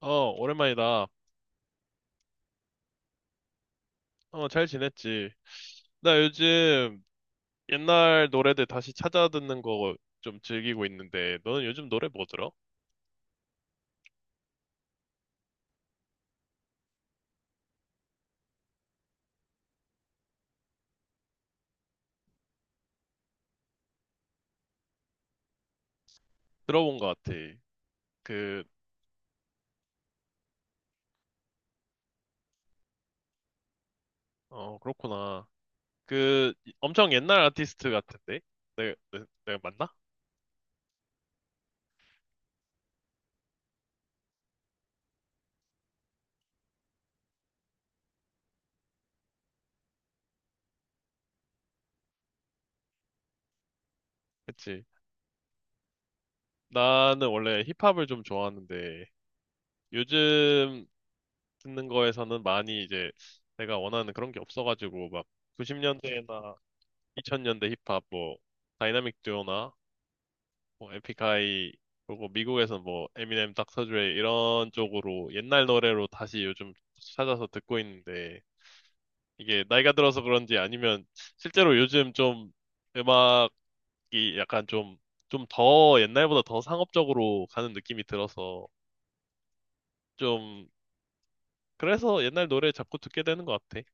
어, 오랜만이다. 어, 잘 지냈지? 나 요즘 옛날 노래들 다시 찾아 듣는 거 좀 즐기고 있는데, 너는 요즘 노래 뭐 들어? 들어본 것 같아. 그, 어, 그렇구나. 그, 엄청 옛날 아티스트 같은데? 내가 맞나? 그치? 나는 원래 힙합을 좀 좋아하는데 요즘 듣는 거에서는 많이 이제 내가 원하는 그런 게 없어가지고 막 90년대나 2000년대 힙합 뭐 다이나믹 듀오나 뭐 에픽하이 그리고 미국에서 뭐 에미넴, 닥터 드레 이런 쪽으로 옛날 노래로 다시 요즘 찾아서 듣고 있는데 이게 나이가 들어서 그런지 아니면 실제로 요즘 좀 음악이 약간 좀 좀 더 옛날보다 더 상업적으로 가는 느낌이 들어서 좀 그래서 옛날 노래 자꾸 듣게 되는 것 같아.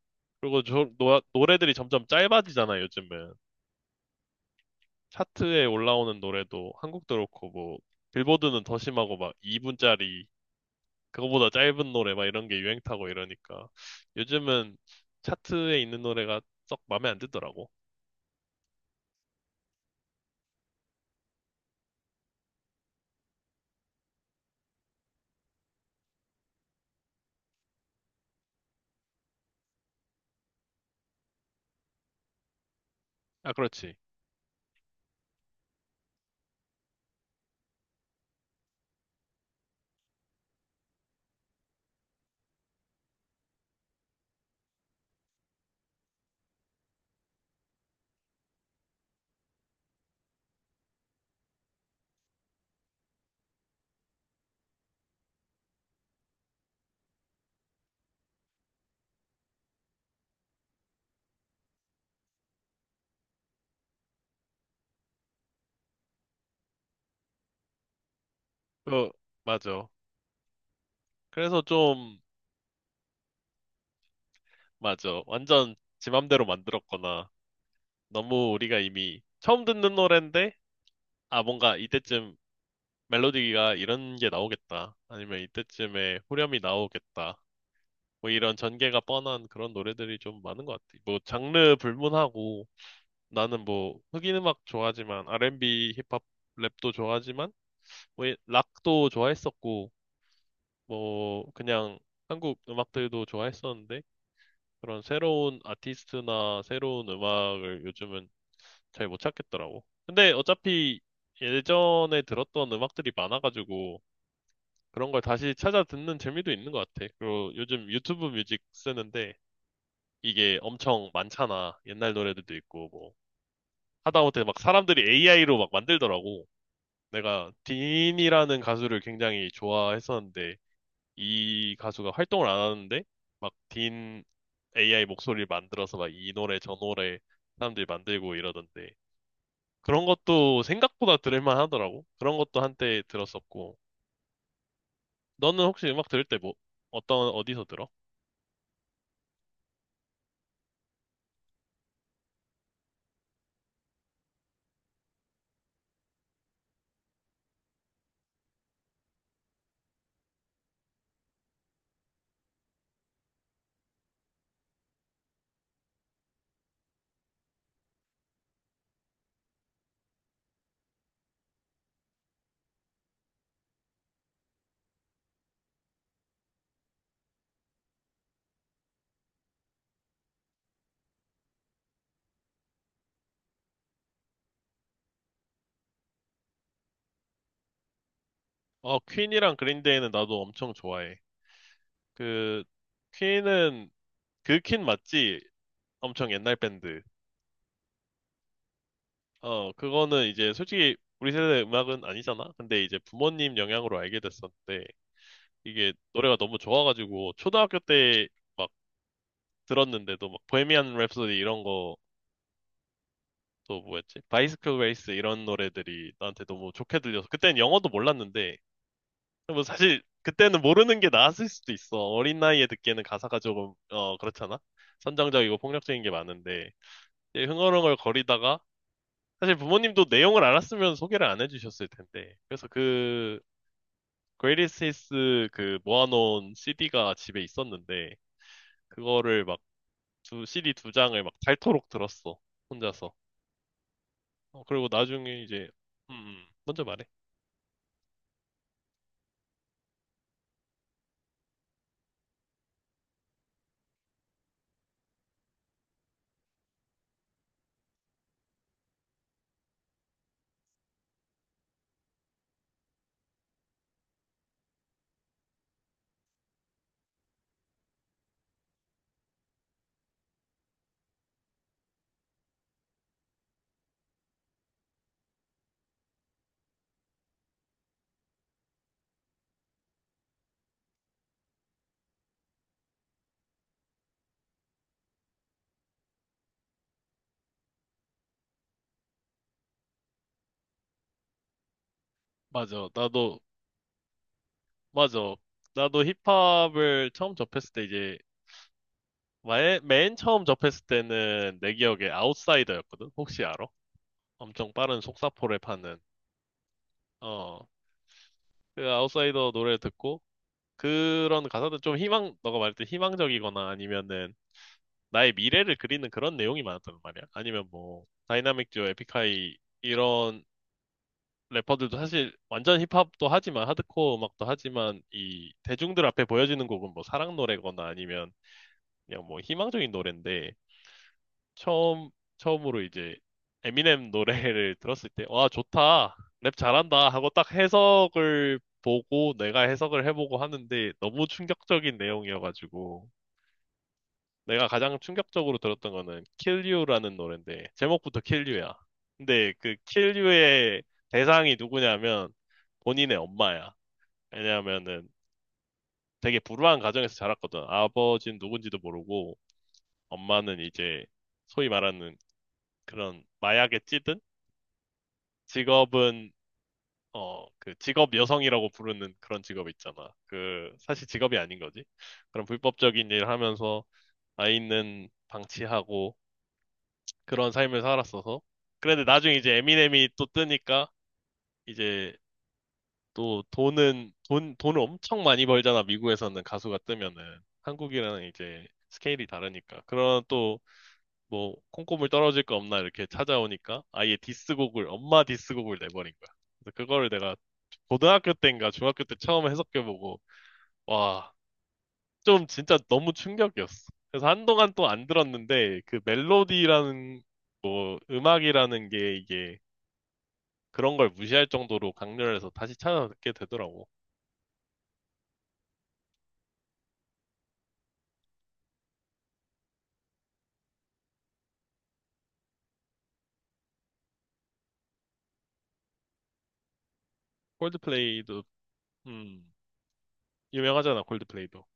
그리고 저, 노래들이 점점 짧아지잖아, 요즘은. 차트에 올라오는 노래도 한국도 그렇고, 뭐, 빌보드는 더 심하고, 막 2분짜리, 그거보다 짧은 노래, 막 이런 게 유행 타고 이러니까. 요즘은 차트에 있는 노래가 썩 마음에 안 들더라고. 아, 그렇지. 그, 맞아. 그래서 좀, 맞아. 완전 지 맘대로 만들었거나, 너무 우리가 이미 처음 듣는 노랜데, 아, 뭔가 이때쯤 멜로디가 이런 게 나오겠다. 아니면 이때쯤에 후렴이 나오겠다. 뭐 이런 전개가 뻔한 그런 노래들이 좀 많은 것 같아. 뭐 장르 불문하고 나는 뭐 흑인 음악 좋아하지만 R&B, 힙합, 랩도 좋아하지만 뭐 락도 좋아했었고 뭐 그냥 한국 음악들도 좋아했었는데 그런 새로운 아티스트나 새로운 음악을 요즘은 잘 못 찾겠더라고. 근데 어차피 예전에 들었던 음악들이 많아가지고 그런 걸 다시 찾아 듣는 재미도 있는 것 같아. 그리고 요즘 유튜브 뮤직 쓰는데 이게 엄청 많잖아. 옛날 노래들도 있고 뭐 하다못해 막 사람들이 AI로 막 만들더라고. 내가 딘이라는 가수를 굉장히 좋아했었는데 이 가수가 활동을 안 하는데 막 딘 AI 목소리를 만들어서 막 이 노래 저 노래 사람들이 만들고 이러던데 그런 것도 생각보다 들을만 하더라고. 그런 것도 한때 들었었고. 너는 혹시 음악 들을 때 뭐 어떤 어디서 들어? 어, 퀸이랑 그린데이는 나도 엄청 좋아해. 그, 퀸은, 그 퀸 맞지? 엄청 옛날 밴드. 어, 그거는 이제 솔직히 우리 세대 음악은 아니잖아? 근데 이제 부모님 영향으로 알게 됐었는데, 이게 노래가 너무 좋아가지고, 초등학교 때 막 들었는데도 막 보헤미안 랩소디 이런 거, 또 뭐였지? 바이스클 레이스 이런 노래들이 나한테 너무 좋게 들려서, 그땐 영어도 몰랐는데, 뭐 사실 그때는 모르는 게 나았을 수도 있어. 어린 나이에 듣기에는 가사가 조금 그렇잖아. 선정적이고 폭력적인 게 많은데 이제 흥얼흥얼 거리다가 사실 부모님도 내용을 알았으면 소개를 안 해주셨을 텐데. 그래서 그 Greatest Hits 그 모아놓은 CD가 집에 있었는데 그거를 막 CD 두 장을 막 닳도록 들었어. 혼자서. 어, 그리고 나중에 이제 먼저 말해. 맞아. 나도 맞아. 나도 힙합을 처음 접했을 때 이제 맨 처음 접했을 때는 내 기억에 아웃사이더였거든? 혹시 알아? 엄청 빠른 속사포를 파는. 어, 그 아웃사이더 노래 듣고, 그런 가사들 좀 희망, 너가 말했듯 희망적이거나 아니면은 나의 미래를 그리는 그런 내용이 많았단 말이야. 아니면 뭐, 다이나믹 듀오, 에픽하이, 이런 래퍼들도 사실 완전 힙합도 하지만, 하드코어 음악도 하지만, 이 대중들 앞에 보여지는 곡은 뭐 사랑 노래거나 아니면 그냥 뭐 희망적인 노래인데, 처음, 처음으로 이제 에미넴 노래를 들었을 때, 와, 좋다. 랩 잘한다. 하고 딱 해석을 보고 내가 해석을 해보고 하는데 너무 충격적인 내용이어가지고 내가 가장 충격적으로 들었던 거는 Kill You라는 노래인데 제목부터 Kill You야. 근데 그 Kill You의 대상이 누구냐면 본인의 엄마야. 왜냐하면은 되게 불우한 가정에서 자랐거든. 아버지는 누군지도 모르고 엄마는 이제 소위 말하는 그런 마약에 찌든 직업은 그 직업 여성이라고 부르는 그런 직업 있잖아. 그 사실 직업이 아닌 거지. 그런 불법적인 일을 하면서 아이는 방치하고 그런 삶을 살았어서. 그런데 나중에 이제 에미넴이 또 뜨니까 이제 또 돈은 돈 돈을 엄청 많이 벌잖아. 미국에서는 가수가 뜨면은 한국이랑 이제 스케일이 다르니까. 그런 또 뭐 콩고물 떨어질 거 없나 이렇게 찾아오니까 아예 디스곡을 엄마 디스곡을 내버린 거야. 그래서 그거를 내가 고등학교 때인가 중학교 때 처음 해석해보고 와 좀 진짜 너무 충격이었어. 그래서 한동안 또 안 들었는데 그 멜로디라는 뭐 음악이라는 게 이게 그런 걸 무시할 정도로 강렬해서 다시 찾아 듣게 되더라고. 콜드플레이도 음 유명하잖아 콜드플레이도.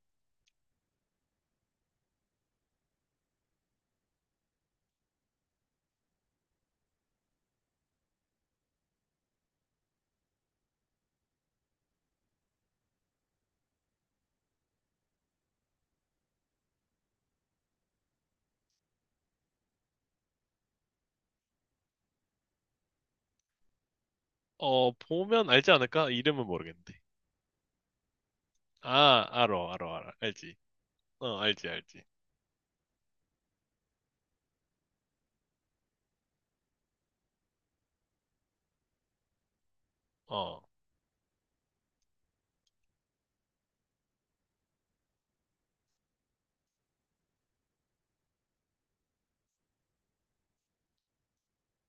어 보면 알지 않을까? 이름은 모르겠는데. 아 알어 알어 알어 알지. 어 알지 알지. 어,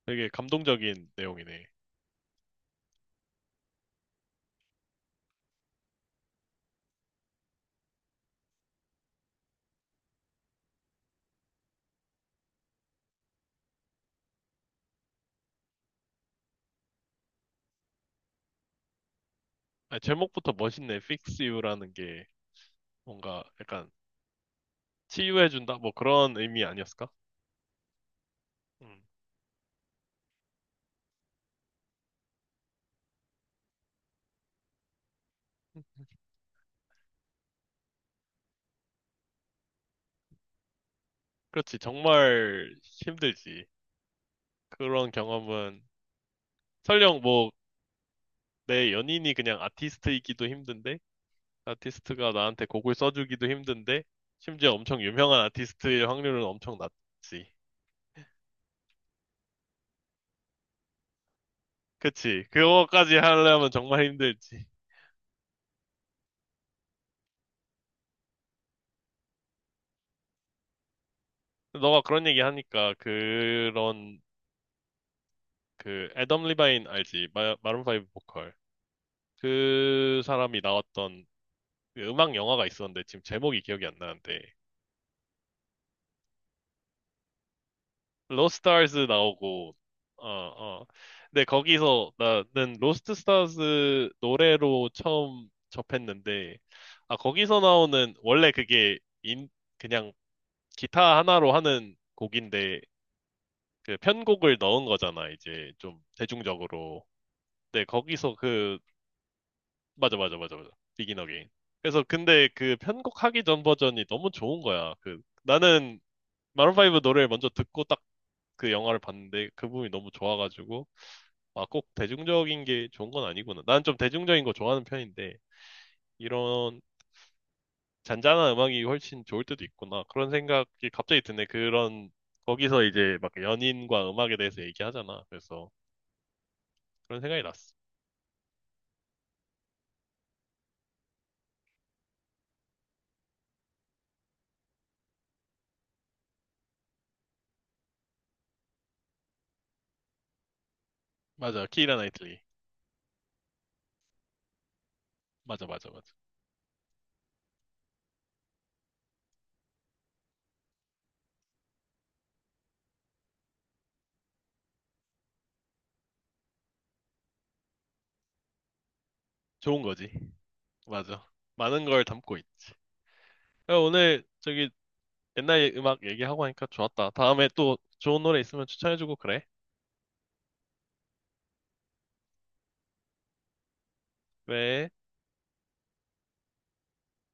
되게 감동적인 내용이네. 아, 제목부터 멋있네. Fix You라는 게 뭔가 약간 치유해준다? 뭐 그런 의미 아니었을까? 음. 그렇지. 정말 힘들지. 그런 경험은 설령 뭐 내 연인이 그냥 아티스트이기도 힘든데, 아티스트가 나한테 곡을 써주기도 힘든데, 심지어 엄청 유명한 아티스트일 확률은 엄청 낮지. 그치. 그거까지 하려면 정말 힘들지. 너가 그런 얘기 하니까 그런 그 애덤 리바인 알지? 마룬 파이브 보컬. 그 사람이 나왔던 그 음악 영화가 있었는데 지금 제목이 기억이 안 나는데 로스트 스타즈 나오고 어 어. 근데 거기서 나는 로스트 스타즈 노래로 처음 접했는데 아 거기서 나오는 원래 그게 인 그냥 기타 하나로 하는 곡인데 그 편곡을 넣은 거잖아 이제 좀 대중적으로. 근데 거기서 그 맞아, 맞아, 맞아, 맞아. 비긴 어게인. 그래서 근데 그 편곡하기 전 버전이 너무 좋은 거야. 그 나는 마룬 5 노래를 먼저 듣고 딱 그 영화를 봤는데 그 부분이 너무 좋아가지고 아 꼭 대중적인 게 좋은 건 아니구나. 난 좀 대중적인 거 좋아하는 편인데 이런 잔잔한 음악이 훨씬 좋을 때도 있구나. 그런 생각이 갑자기 드네. 그런 거기서 이제 막 연인과 음악에 대해서 얘기하잖아. 그래서 그런 생각이 났어. 맞아, 키이라 나이틀리. 맞아, 맞아, 맞아. 좋은 거지. 맞아. 많은 걸 담고 있지. 야, 오늘 저기 옛날 음악 얘기하고 하니까 좋았다. 다음에 또 좋은 노래 있으면 추천해주고 그래. 그래.